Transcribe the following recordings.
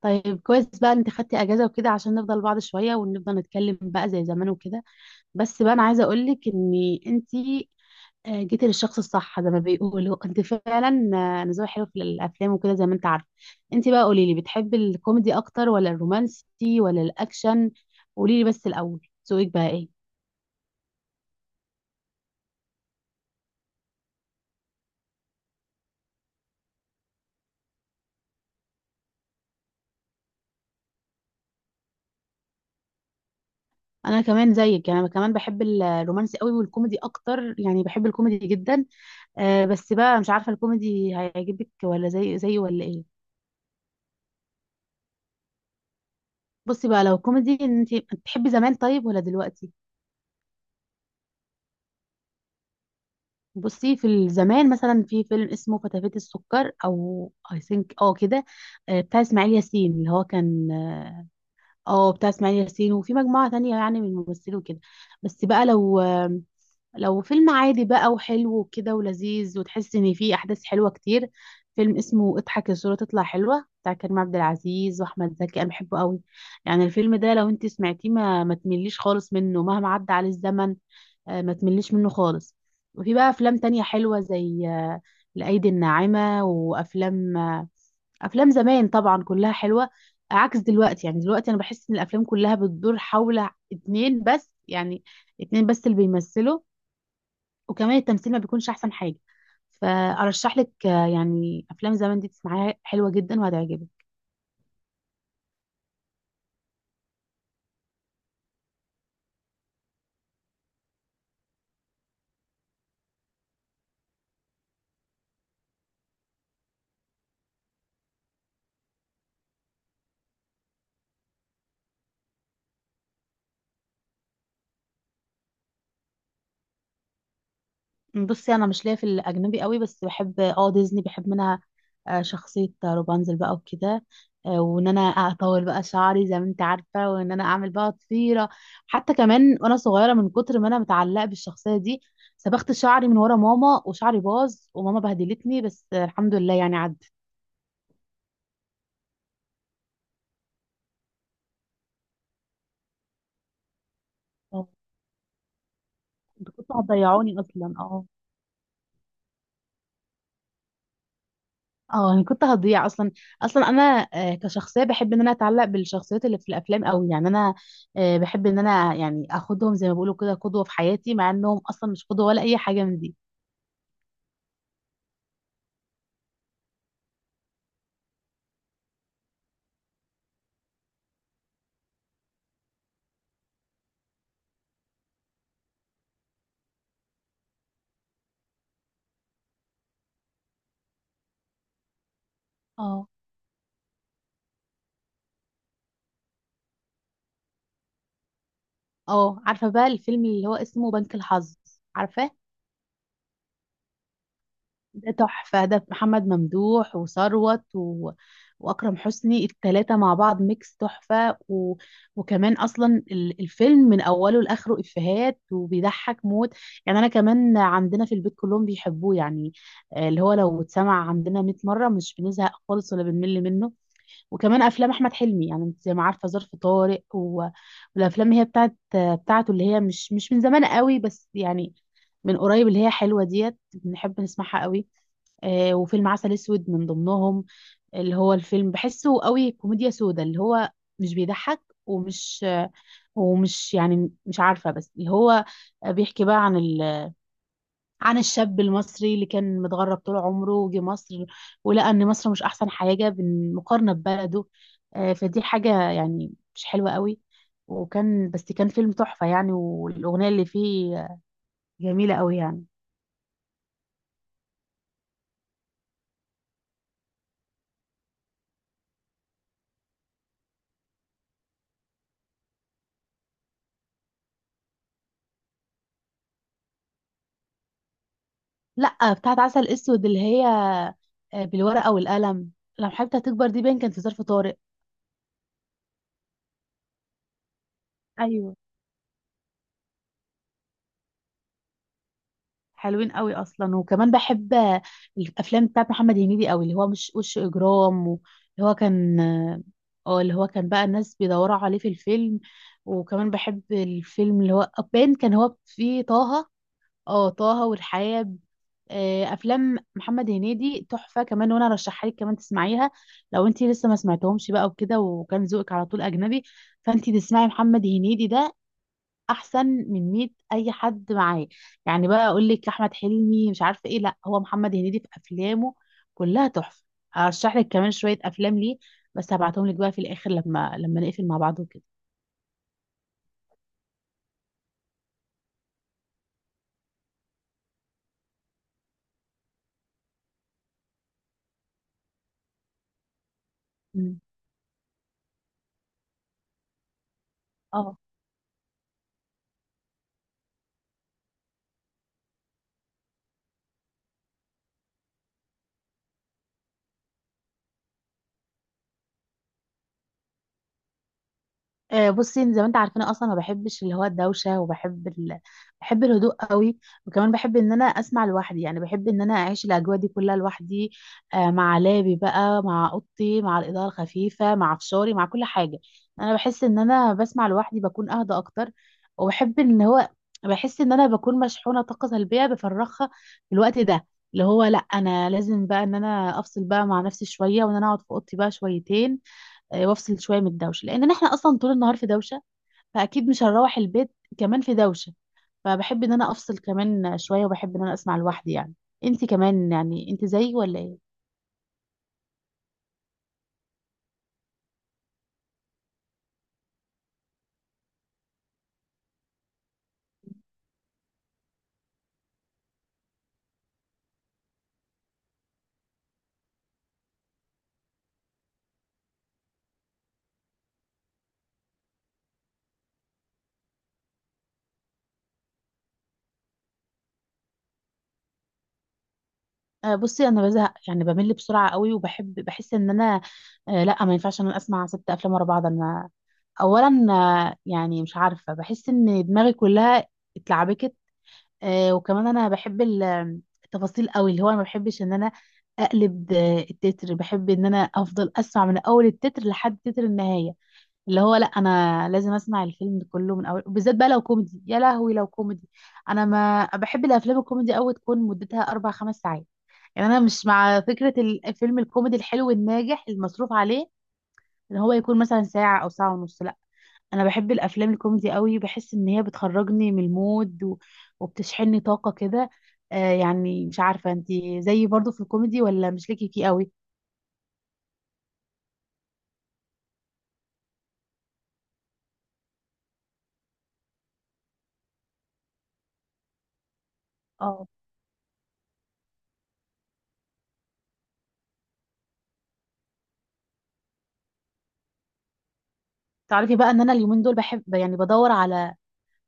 طيب كويس بقى إن انت خدتي اجازه وكده عشان نفضل بعض شويه ونفضل نتكلم بقى زي زمان وكده. بس بقى انا عايزه اقول لك ان انت جيتي للشخص الصح زي ما بيقولوا انت فعلا. انا ذوقي حلو في الافلام وكده زي ما انت عارفه. انت بقى قولي لي، بتحبي الكوميدي اكتر ولا الرومانسي ولا الاكشن؟ قولي لي بس الاول، ذوقك بقى ايه؟ انا كمان زيك، يعني انا كمان بحب الرومانسي قوي والكوميدي اكتر، يعني بحب الكوميدي جدا. بس بقى مش عارفه الكوميدي هيعجبك ولا زي ولا ايه؟ بصي بقى، لو كوميدي انت بتحبي زمان طيب ولا دلوقتي؟ بصي، في الزمان مثلا في فيلم اسمه فتافيت السكر او اي ثينك كده. بتاع اسماعيل ياسين اللي هو كان، اه بتاع اسماعيل ياسين، وفي مجموعة تانية يعني من الممثلين وكده. بس بقى لو فيلم عادي بقى وحلو وكده ولذيذ، وتحس ان فيه احداث حلوة كتير. فيلم اسمه اضحك الصورة تطلع حلوة، بتاع كريم عبد العزيز واحمد زكي، انا بحبه قوي. يعني الفيلم ده لو انت سمعتيه ما تمليش خالص منه مهما عدى عليه الزمن. ما تمليش منه خالص. وفي بقى افلام تانية حلوة زي الايدي الناعمة، وافلام آه، افلام زمان طبعا كلها حلوة، عكس دلوقتي. يعني دلوقتي انا بحس ان الافلام كلها بتدور حول اتنين بس، يعني اتنين بس اللي بيمثلوا، وكمان التمثيل ما بيكونش احسن حاجة. فارشح لك، يعني افلام زمان دي تسمعيها حلوة جدا وهتعجبك. بصي، انا مش ليا في الاجنبي قوي، بس بحب ديزني، بحب منها شخصيه روبانزل بقى وكده. وان انا اطول بقى شعري زي ما انت عارفه، وان انا اعمل بقى ضفيره. حتى كمان وانا صغيره من كتر ما انا متعلقه بالشخصيه دي، سبخت شعري من ورا ماما وشعري باظ وماما بهدلتني، بس الحمد لله يعني عدت. آه، انتوا كنتوا هتضيعوني اصلا اه. اه، انا كنت هضيع اصلا. اصلا انا كشخصيه بحب ان انا اتعلق بالشخصيات اللي في الافلام قوي، يعني انا بحب ان انا يعني اخدهم زي ما بيقولوا كده قدوه في حياتي، مع انهم اصلا مش قدوه ولا اي حاجه من دي. اه، اه، عارفه بقى الفيلم اللي هو اسمه بنك الحظ؟ عارفاه؟ ده تحفة. ده محمد ممدوح وثروت و... وأكرم حسني، التلاتة مع بعض ميكس تحفة، و... وكمان أصلا الفيلم من أوله لآخره إفيهات وبيضحك موت. يعني أنا كمان عندنا في البيت كلهم بيحبوه يعني. اللي هو لو اتسمع عندنا 100 مرة مش بنزهق خالص ولا بنمل منه. وكمان أفلام أحمد حلمي، يعني أنت زي ما عارفة ظرف طارق، و... والأفلام هي بتاعته اللي هي مش من زمان قوي بس يعني من قريب، اللي هي حلوة ديت بنحب نسمعها قوي. وفيلم عسل اسود من ضمنهم، اللي هو الفيلم بحسه قوي كوميديا سودا، اللي هو مش بيضحك، ومش آه، ومش يعني مش عارفة، بس اللي هو بيحكي بقى عن الشاب المصري اللي كان متغرب طول عمره وجه مصر، ولقى ان مصر مش احسن حاجة بالمقارنة ببلده. فدي حاجة يعني مش حلوة قوي. وكان، بس كان فيلم تحفة يعني، والأغنية اللي فيه جميلة قوي يعني. لا، بتاعت عسل اسود اللي هي بالورقه والقلم، لو حبيت هتكبر دي باين كان في ظرف طارق. ايوه، حلوين قوي اصلا. وكمان بحب الافلام بتاعت محمد هنيدي قوي، اللي هو مش وش اجرام، اللي هو كان، اللي هو كان بقى الناس بيدوروا عليه في الفيلم. وكمان بحب الفيلم اللي هو باين كان هو فيه طه، اه طه والحياة. افلام محمد هنيدي تحفه كمان، وانا ارشحها لك كمان تسمعيها لو انت لسه ما سمعتهمش بقى وكده، وكان ذوقك على طول اجنبي، فانت تسمعي محمد هنيدي ده احسن من 100 اي حد معاه. يعني بقى اقول لك احمد حلمي مش عارفه ايه، لا، هو محمد هنيدي في افلامه كلها تحفه. ارشح لك كمان شويه افلام ليه، بس هبعتهم لك بقى في الاخر لما نقفل مع بعض وكده. مم. اه. بصي زي ما انت عارفين اصلا ما بحبش اللي هو الدوشه، وبحب بحب الهدوء قوي. وكمان بحب ان انا اسمع لوحدي، يعني بحب ان انا اعيش الاجواء دي كلها لوحدي. مع لابي بقى، مع اوضتي، مع الاضاءه الخفيفه، مع فشاري، مع كل حاجه. انا بحس ان انا بسمع لوحدي بكون اهدى اكتر، وبحب ان هو بحس ان انا بكون مشحونه طاقه سلبيه بفرغها في الوقت ده، اللي هو لا، انا لازم بقى ان انا افصل بقى مع نفسي شويه، وان انا اقعد في اوضتي بقى شويتين. وافصل شويه من الدوشه لان احنا اصلا طول النهار في دوشه، فاكيد مش هنروح البيت كمان في دوشه، فبحب ان انا افصل كمان شويه، وبحب ان انا اسمع لوحدي يعني. انت كمان يعني انت زيي ولا ايه؟ بصي انا بزهق، يعني بمل بسرعه قوي، وبحب بحس ان انا لا، ما ينفعش ان انا اسمع ست افلام ورا بعض. انا اولا يعني مش عارفه، بحس ان دماغي كلها اتلعبكت. آه، وكمان انا بحب التفاصيل قوي، اللي هو انا ما بحبش ان انا اقلب التتر، بحب ان انا افضل اسمع من اول التتر لحد تتر النهايه، اللي هو لا، انا لازم اسمع الفيلم كله من اول، بالذات بقى لو كوميدي، يا لهوي لو كوميدي. انا ما بحب الافلام الكوميدي قوي تكون مدتها اربع خمس ساعات، يعني انا مش مع فكره الفيلم الكوميدي الحلو الناجح المصروف عليه ان هو يكون مثلا ساعه او ساعه ونص لا. انا بحب الافلام الكوميدي قوي، بحس ان هي بتخرجني من المود، و... وبتشحنني طاقة كده. آه، يعني مش عارفة انتي زيي برضو في الكوميدي ولا مش ليكي فيه قوي؟ اه، تعرفي بقى ان انا اليومين دول بحب يعني بدور على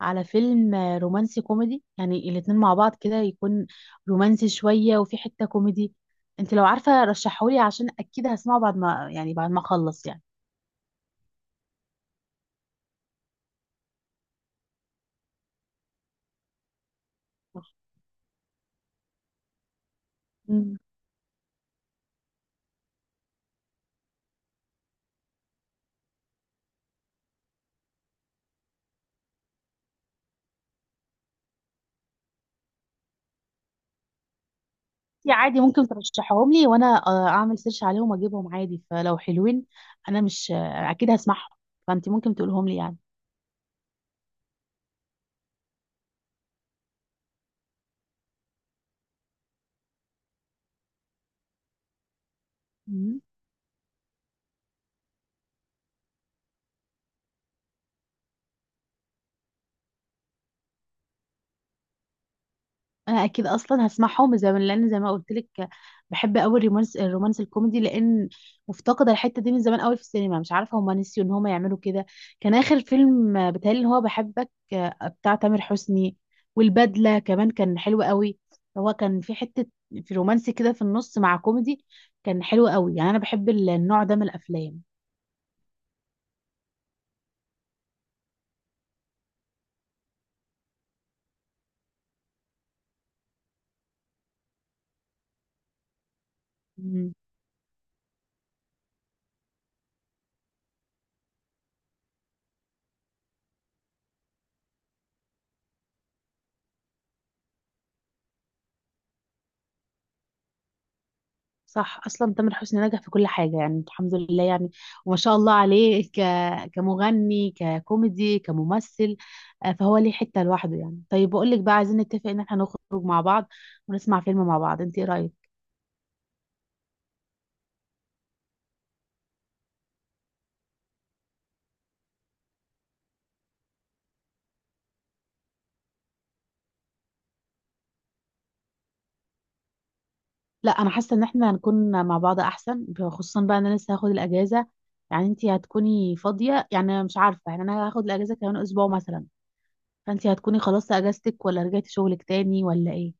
على فيلم رومانسي كوميدي، يعني الاتنين مع بعض كده، يكون رومانسي شوية وفي حتة كوميدي. انت لو عارفة رشحولي عشان اكيد هسمعه بعد ما يعني بعد ما اخلص. يعني انتي عادي ممكن ترشحهم لي، وانا اعمل سيرش عليهم واجيبهم عادي، فلو حلوين انا مش اكيد هسمعهم، فانتي ممكن تقولهم لي. يعني انا اكيد اصلا هسمعهم، زي ما قلت لك بحب قوي الرومانس الكوميدي، لان مفتقده الحته دي من زمان قوي في السينما، مش عارفه هما نسيوا ان هما يعملوا كده. كان اخر فيلم بيتهيألي اللي هو بحبك، بتاع تامر حسني، والبدله كمان كان حلو قوي. هو كان في حته، في رومانسي كده في النص مع كوميدي، كان حلو قوي يعني، انا بحب النوع ده من الافلام. صح، اصلا تامر حسني نجح في كل حاجه، يعني الحمد لله يعني، وما شاء الله عليه، كمغني، ككوميدي، كممثل. فهو ليه حته لوحده يعني. طيب بقول لك بقى، عايزين نتفق ان احنا نخرج مع بعض ونسمع فيلم مع بعض، انت ايه رايك؟ لا، انا حاسه ان احنا هنكون مع بعض احسن، خصوصا بقى ان انا لسه هاخد الاجازه، يعني انت هتكوني فاضيه يعني مش عارفه، يعني انا هاخد الاجازه كمان اسبوع مثلا، فانت هتكوني خلصتي اجازتك ولا رجعتي شغلك تاني ولا ايه؟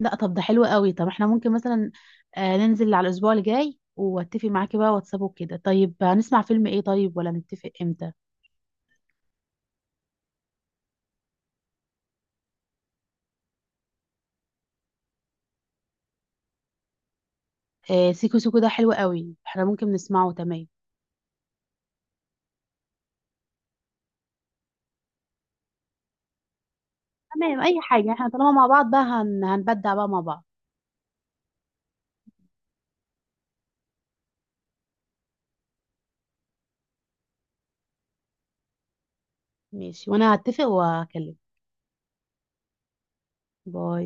لا، طب ده حلو قوي، طب احنا ممكن مثلا آه ننزل على الاسبوع الجاي، واتفق معاكي بقى واتساب وكده. طيب هنسمع فيلم ايه؟ طيب ولا نتفق امتى؟ آه، سيكو سيكو ده حلو قوي، احنا ممكن نسمعه، تمام. تمام، اي حاجة، احنا طالما مع بعض بقى هنبدع بقى مع بعض. ماشي، وانا هتفق واكلمك. باي.